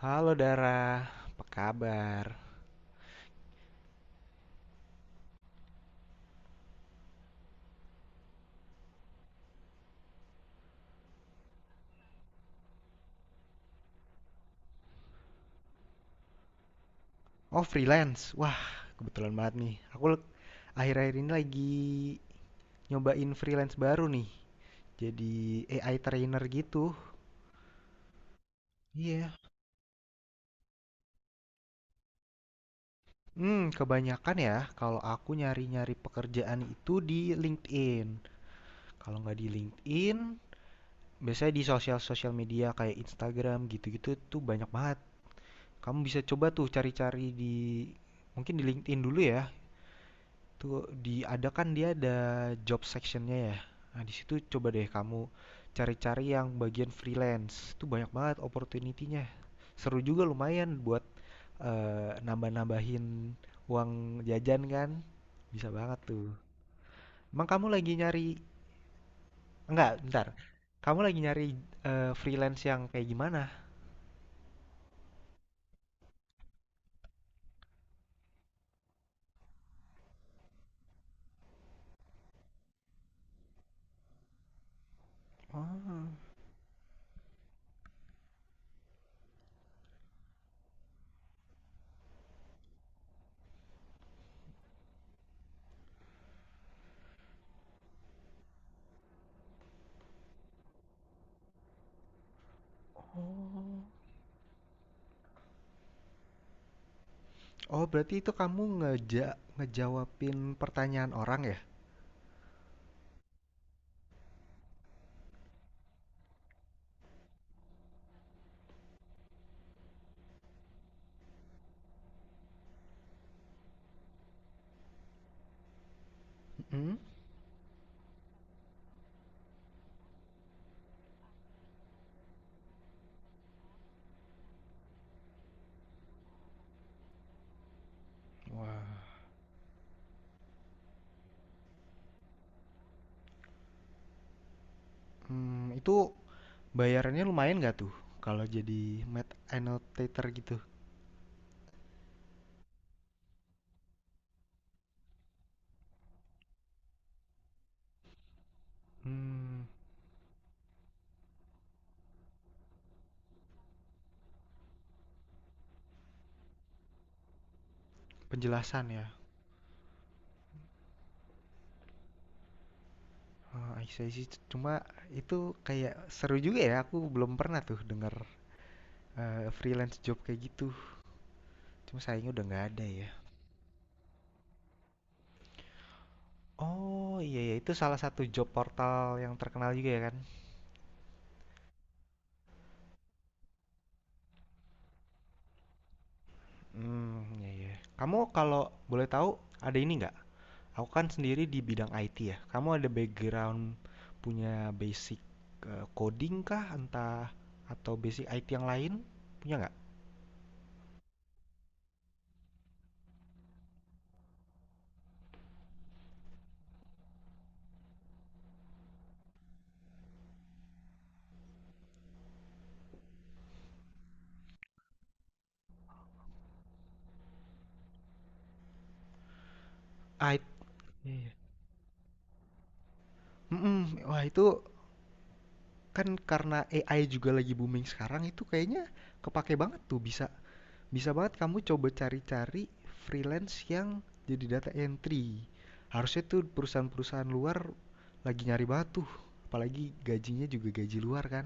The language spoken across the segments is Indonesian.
Halo Dara, apa kabar? Oh freelance, wah kebetulan banget nih. Akhir-akhir ini lagi nyobain freelance baru nih. Jadi AI trainer gitu. Iya. Kebanyakan ya kalau aku nyari-nyari pekerjaan itu di LinkedIn. Kalau nggak di LinkedIn, biasanya di sosial-sosial media kayak Instagram gitu-gitu tuh banyak banget. Kamu bisa coba tuh cari-cari di mungkin di LinkedIn dulu ya. Tuh diadakan dia ada job sectionnya ya. Nah, di situ coba deh kamu cari-cari yang bagian freelance. Itu banyak banget opportunity-nya. Seru juga lumayan buat nambah-nambahin uang jajan kan. Bisa banget tuh. Emang kamu lagi nyari enggak, bentar. Kamu lagi nyari freelance yang kayak gimana? Oh. Oh. Oh, berarti itu kamu ngejawabin pertanyaan orang ya? Mm-mm. Wah. Hmm, itu bayarannya lumayan nggak tuh kalau jadi Math annotator gitu? Hmm, penjelasan ya. Oh, I see, I see. Cuma itu kayak seru juga ya. Aku belum pernah tuh denger freelance job kayak gitu. Cuma sayangnya udah nggak ada ya. Oh iya ya itu salah satu job portal yang terkenal juga ya kan? Hmm, iya iya. Kamu kalau boleh tahu ada ini nggak? Aku kan sendiri di bidang IT ya. Kamu ada background punya basic coding kah, entah atau basic IT yang lain punya nggak? Ah, it- Iya. Mm-mm. Wah itu kan karena AI juga lagi booming sekarang itu kayaknya kepake banget tuh bisa bisa banget kamu coba cari-cari freelance yang jadi data entry. Harusnya tuh perusahaan-perusahaan luar lagi nyari batu, apalagi gajinya juga gaji luar kan.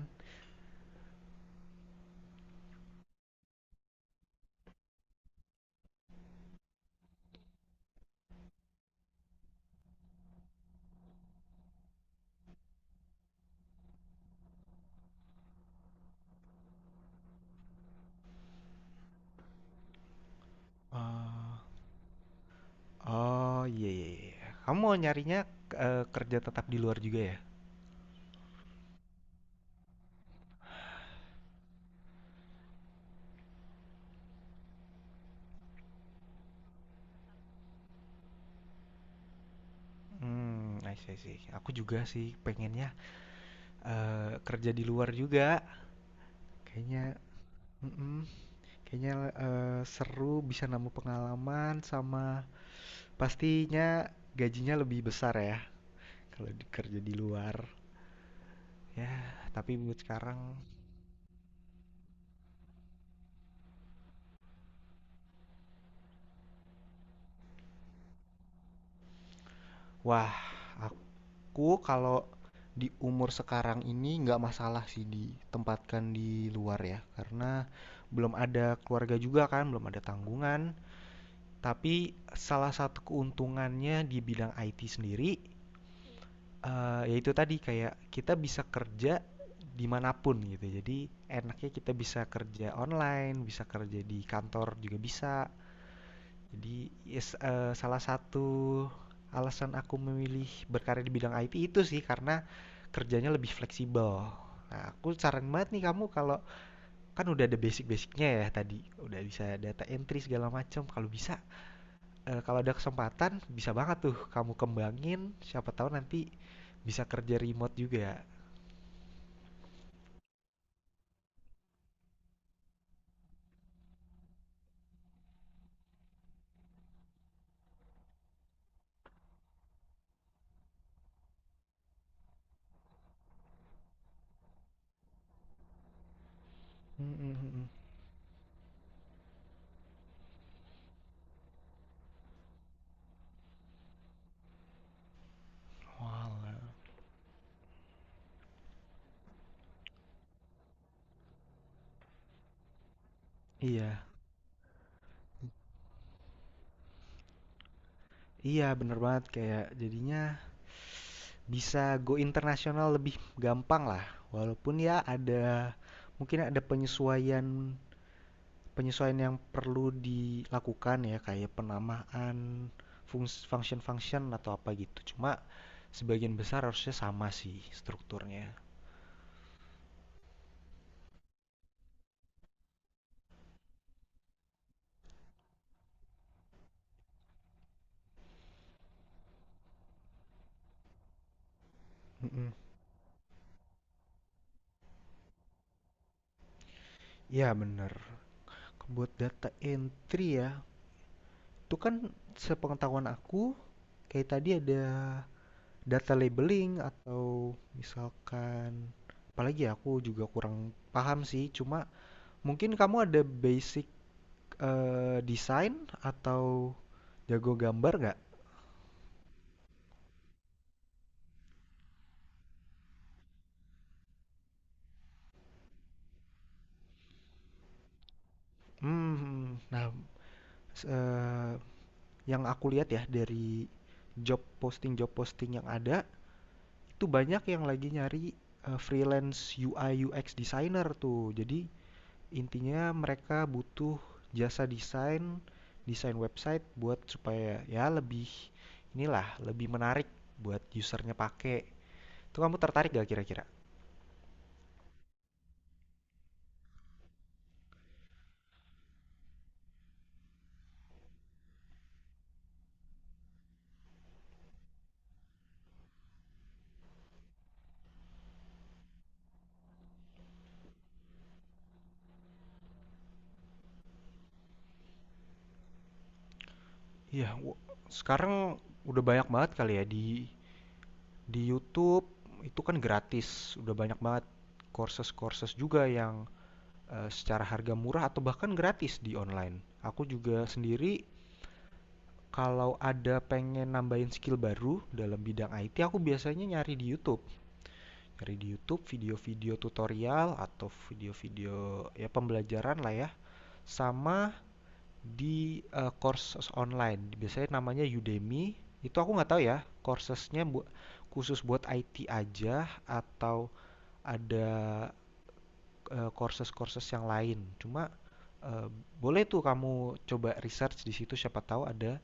Eh, Oh, iya iya iya. Kamu mau nyarinya kerja tetap di luar juga ya? Hmm, I see, I see. Aku juga sih pengennya kerja di luar juga. Kayaknya, mm-mm, kayaknya seru bisa nambah pengalaman sama pastinya gajinya lebih besar ya kerja di luar. Ya, tapi buat sekarang, wah, aku kalau di umur sekarang ini nggak masalah sih ditempatkan di luar ya, karena belum ada keluarga juga kan, belum ada tanggungan. Tapi salah satu keuntungannya di bidang IT sendiri, yaitu tadi kayak kita bisa kerja dimanapun gitu. Jadi enaknya kita bisa kerja online, bisa kerja di kantor juga bisa, jadi yes, salah satu alasan aku memilih berkarya di bidang IT itu sih karena kerjanya lebih fleksibel. Nah, aku saran banget nih kamu kalau kan udah ada basic-basicnya ya tadi, udah bisa data entry segala macam. Kalau bisa, kalau ada kesempatan bisa banget tuh kamu kembangin, siapa tahu nanti bisa kerja remote juga. Mhm mhm. Walah. Iya iya, bener banget kayak jadinya bisa go internasional lebih gampang lah walaupun ya ada mungkin ada penyesuaian penyesuaian yang perlu dilakukan ya kayak penamaan function-function atau apa gitu cuma sebagian besar harusnya sama sih strukturnya. Mm-mm. Ya bener, buat data entry ya itu kan sepengetahuan aku kayak tadi ada data labeling atau misalkan apalagi ya, aku juga kurang paham sih cuma mungkin kamu ada basic desain atau jago gambar nggak? Hmm, nah s- eh, yang aku lihat ya dari job posting yang ada itu banyak yang lagi nyari freelance UI UX designer tuh jadi intinya mereka butuh jasa desain, desain website buat supaya ya lebih inilah, lebih menarik buat usernya pakai. Itu kamu tertarik gak kira-kira? Iya, sekarang udah banyak banget kali ya di YouTube itu kan gratis, udah banyak banget courses-courses juga yang secara harga murah atau bahkan gratis di online. Aku juga sendiri kalau ada pengen nambahin skill baru dalam bidang IT, aku biasanya nyari di YouTube. Cari di YouTube video-video tutorial atau video-video ya pembelajaran lah ya. Sama di courses online. Biasanya namanya Udemy. Itu aku nggak tahu ya, khusus buat IT aja atau ada courses-courses yang lain. Cuma eh, boleh tuh kamu coba research di situ siapa tahu ada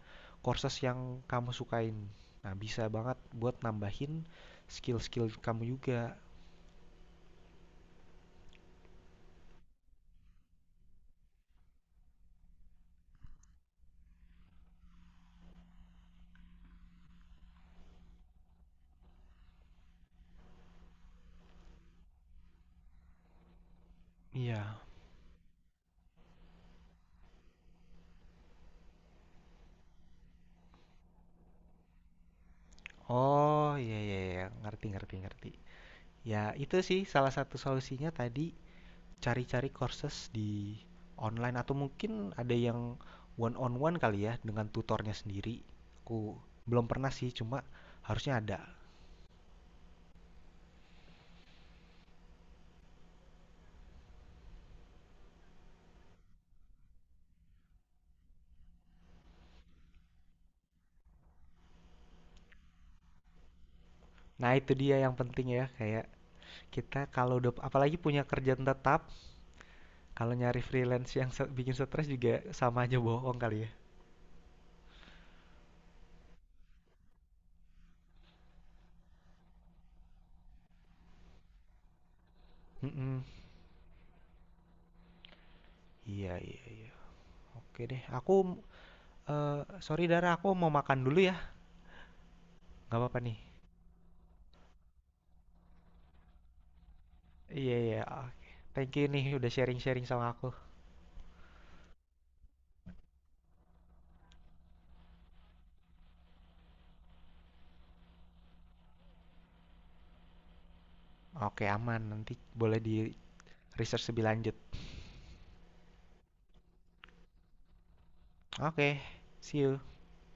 courses yang kamu sukain. Nah, bisa banget buat nambahin skill-skill kamu juga. Iya, oh, iya iya iya, ngerti ngerti ngerti. Ya, itu sih salah satu solusinya tadi cari-cari courses di online atau mungkin ada yang one on one kali ya dengan tutornya sendiri. Aku belum pernah sih, cuma harusnya ada. Nah, itu dia yang penting ya, kayak kita kalau udah apalagi punya kerjaan tetap, kalau nyari freelance yang bikin stres juga sama aja bohong kali ya. Mm-mm. Iya iya iya. Oke deh, aku eh sorry Dara, aku mau makan dulu ya. Gak apa-apa nih. Iya, iya. Oke. Thank you nih udah sharing-sharing sama aku. Oke, aman. Nanti boleh di research lebih lanjut. Oke, see you.